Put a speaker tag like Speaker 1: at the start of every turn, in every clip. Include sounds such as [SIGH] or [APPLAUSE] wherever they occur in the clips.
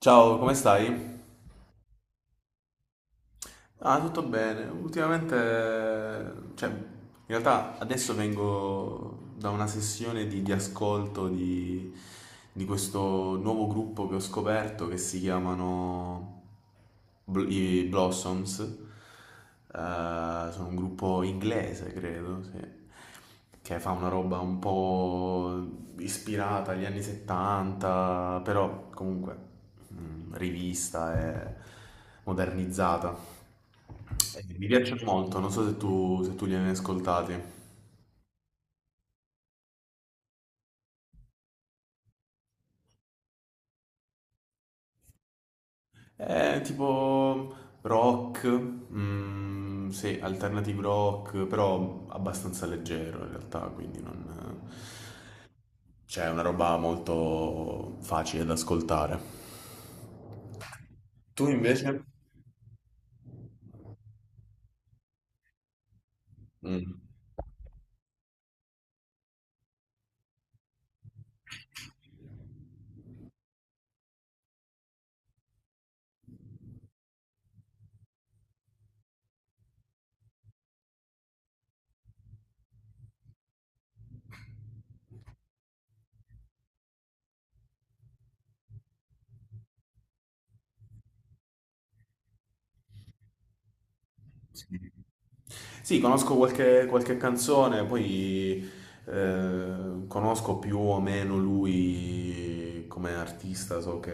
Speaker 1: Ciao, come stai? Ah, tutto bene. Ultimamente, cioè, in realtà adesso vengo da una sessione di ascolto di questo nuovo gruppo che ho scoperto che si chiamano i Blossoms. Sono un gruppo inglese, credo, sì. Che fa una roba un po' ispirata agli anni 70, però comunque rivista e modernizzata. Mi piacciono molto, non so se tu, se tu li hai mai ascoltati. È tipo rock, mm, sì, alternative rock, però abbastanza leggero in realtà, quindi non... Cioè, è una roba molto facile da ascoltare. Tu invece? Mm. Sì, conosco qualche canzone, poi conosco più o meno lui come artista, so che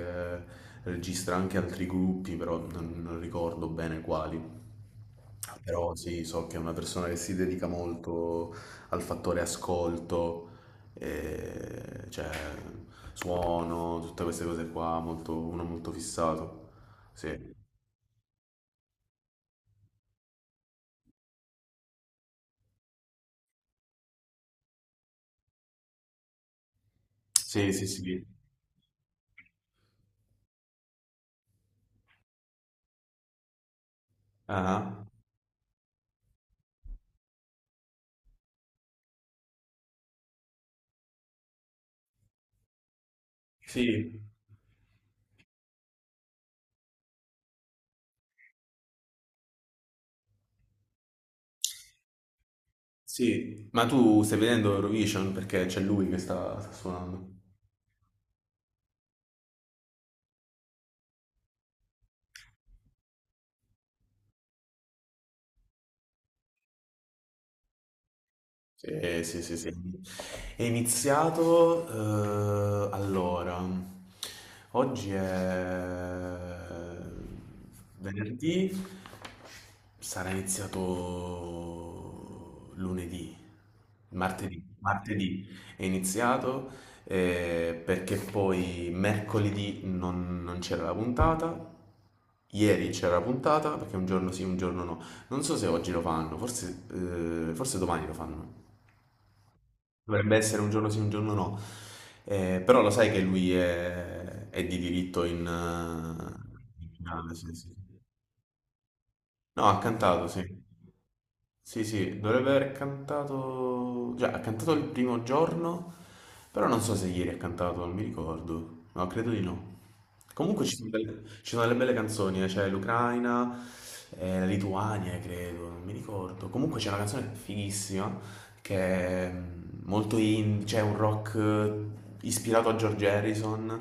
Speaker 1: registra anche altri gruppi, però non ricordo bene quali. Però sì, so che è una persona che si dedica molto al fattore ascolto, cioè suono, tutte queste cose qua, uno molto fissato. Sì, sì, sì, sì. Ah, sì. Sì, ma tu stai vedendo Eurovision perché c'è lui che sta suonando. Sì, sì, sì, sì. È iniziato, allora, oggi è venerdì, sarà iniziato lunedì, martedì è iniziato perché poi mercoledì non c'era la puntata, ieri c'era la puntata perché un giorno sì, un giorno no. Non so se oggi lo fanno, forse, forse domani lo fanno. Dovrebbe essere un giorno sì, un giorno no. Però lo sai che lui è di diritto in, in finale, sì, sì. No, ha cantato, sì. Sì, sì, dovrebbe aver cantato... Già, ha cantato il primo giorno, però non so se ieri ha cantato, non mi ricordo. No, credo di no. Comunque ci sono delle belle canzoni, c'è l'Ucraina, la Lituania, credo, non mi ricordo. Comunque c'è una canzone fighissima che è molto indie, cioè un rock ispirato a George Harrison,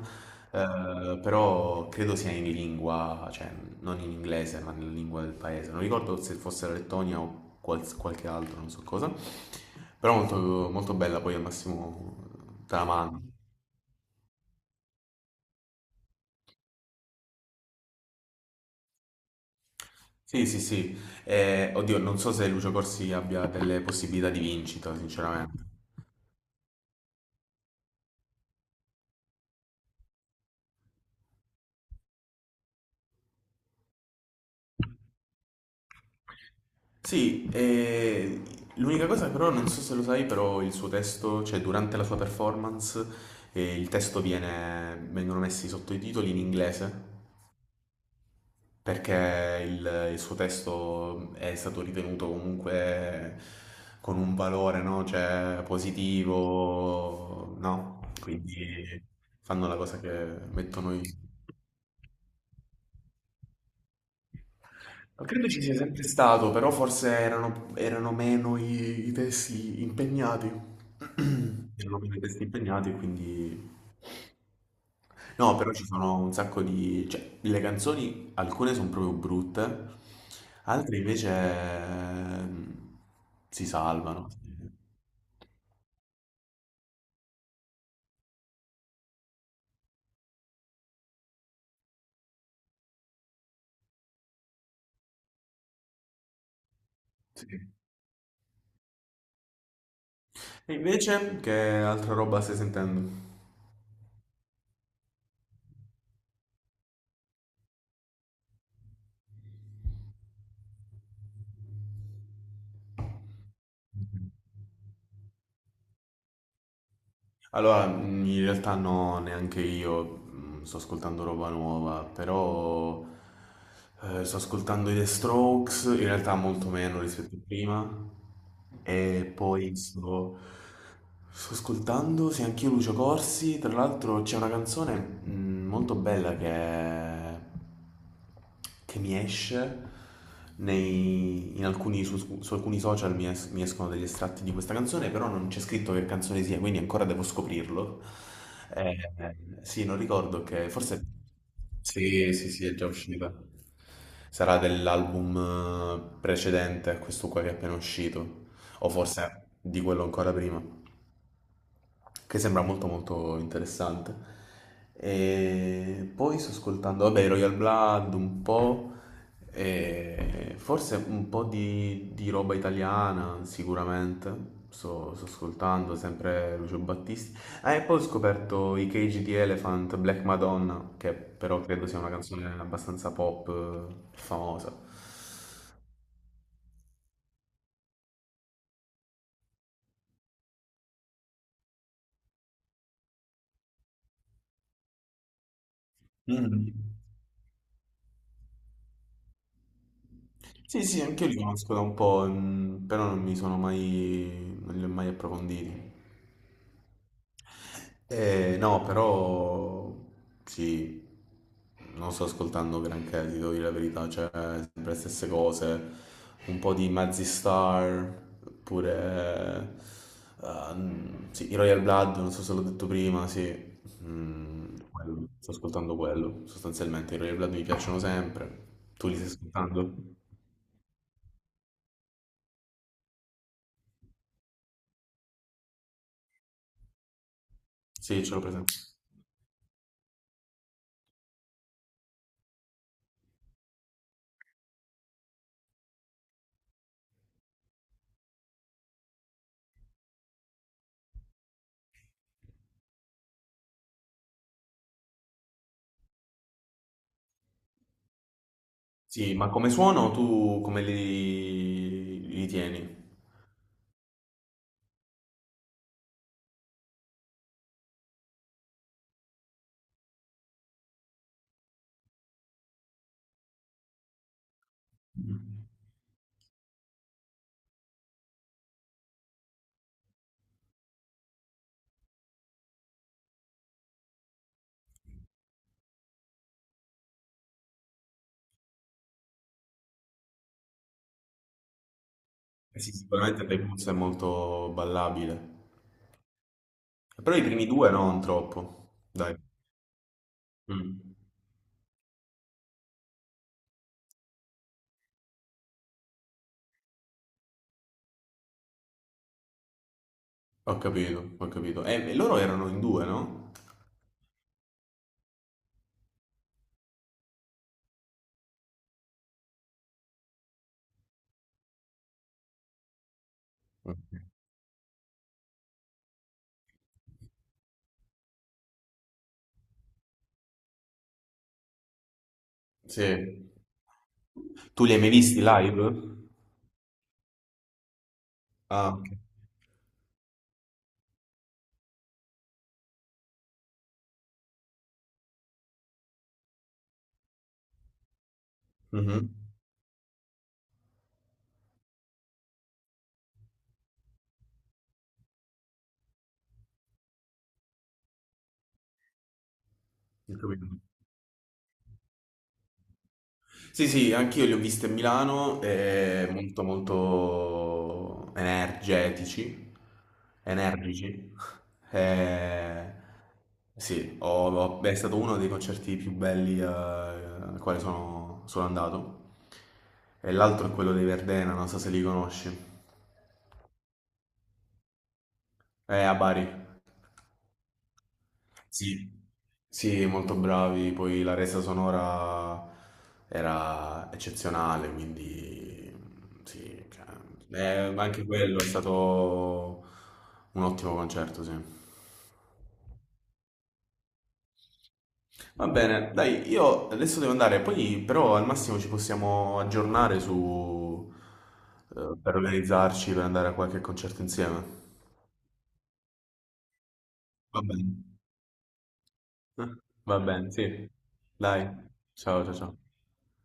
Speaker 1: però credo sia in lingua, cioè non in inglese, ma nella lingua del paese. Non ricordo se fosse la Lettonia o qualche altro, non so cosa. Però molto, molto bella, poi al massimo te la mando. Sì, sì, sì. Oddio, non so se Lucio Corsi abbia delle possibilità di vincita, sinceramente. Sì, e l'unica cosa però, non so se lo sai, però il suo testo, cioè durante la sua performance, il testo vengono messi sotto i titoli in inglese, perché il suo testo è stato ritenuto comunque con un valore, no? Cioè positivo, no? Quindi fanno la cosa che mettono i... Credo ci sia sempre stato, però forse erano meno i testi impegnati. [CLEARS THROAT] Erano meno i testi impegnati, quindi... No, però ci sono un sacco di... Cioè, le canzoni, alcune sono proprio brutte, altre invece si salvano. Sì. E invece, che altra roba stai sentendo? Allora, in realtà no, neanche io sto ascoltando roba nuova, però sto ascoltando i The Strokes, in realtà molto meno rispetto a prima, e poi sto ascoltando, sì, anch'io Lucio Corsi, tra l'altro c'è una canzone molto bella che mi esce in alcuni, su, su alcuni social mi escono degli estratti di questa canzone, però non c'è scritto che canzone sia, quindi ancora devo scoprirlo. Eh, sì, non ricordo che forse... Sì, sì, sì, è già uscita. Sarà dell'album precedente a questo qua che è appena uscito, o forse di quello ancora prima che sembra molto molto interessante. E poi sto ascoltando, vabbè, i Royal Blood un po', e forse un po' di roba italiana sicuramente. Sto ascoltando sempre Lucio Battisti. Ah, e poi ho scoperto i Cage di Elephant, Black Madonna, che però credo sia una canzone abbastanza pop, famosa. Mm. Sì, sì, anche io li conosco da un po', mm, però non li ho mai approfonditi. No, però sì, non sto ascoltando granché, ti devo dire la verità, cioè sempre le stesse cose, un po' di Mazzy Star, oppure sì, i Royal Blood, non so se l'ho detto prima, sì, mm, quello. Sto ascoltando quello, sostanzialmente i Royal Blood mi piacciono sempre, tu li stai ascoltando? Sì, ce l'ho presente. Sì, ma come suono tu come li tieni? Eh sì, sicuramente Blues è molto ballabile. Però i primi due no, non troppo. Dai. Mm. Ho capito, ho capito. E loro erano in due, no? Ok. Sì. Tu li hai mai visti live? Ah, ok. Mhm. Ho capito. Sì, sì, anch'io li ho visti a Milano, molto molto energetici, energici. Eh, sì, è stato uno dei concerti più belli al quale sono andato. E l'altro è quello dei Verdena, non so se li conosci. È a Bari. Sì, sì, molto bravi, poi la resa sonora era eccezionale, quindi sì, cioè, ma anche quello è stato un ottimo concerto, sì. Va bene, dai, io adesso devo andare, poi però al massimo ci possiamo aggiornare su, per organizzarci, per andare a qualche concerto insieme. Va bene. Eh, Va bene, sì. Dai, ciao ciao ciao.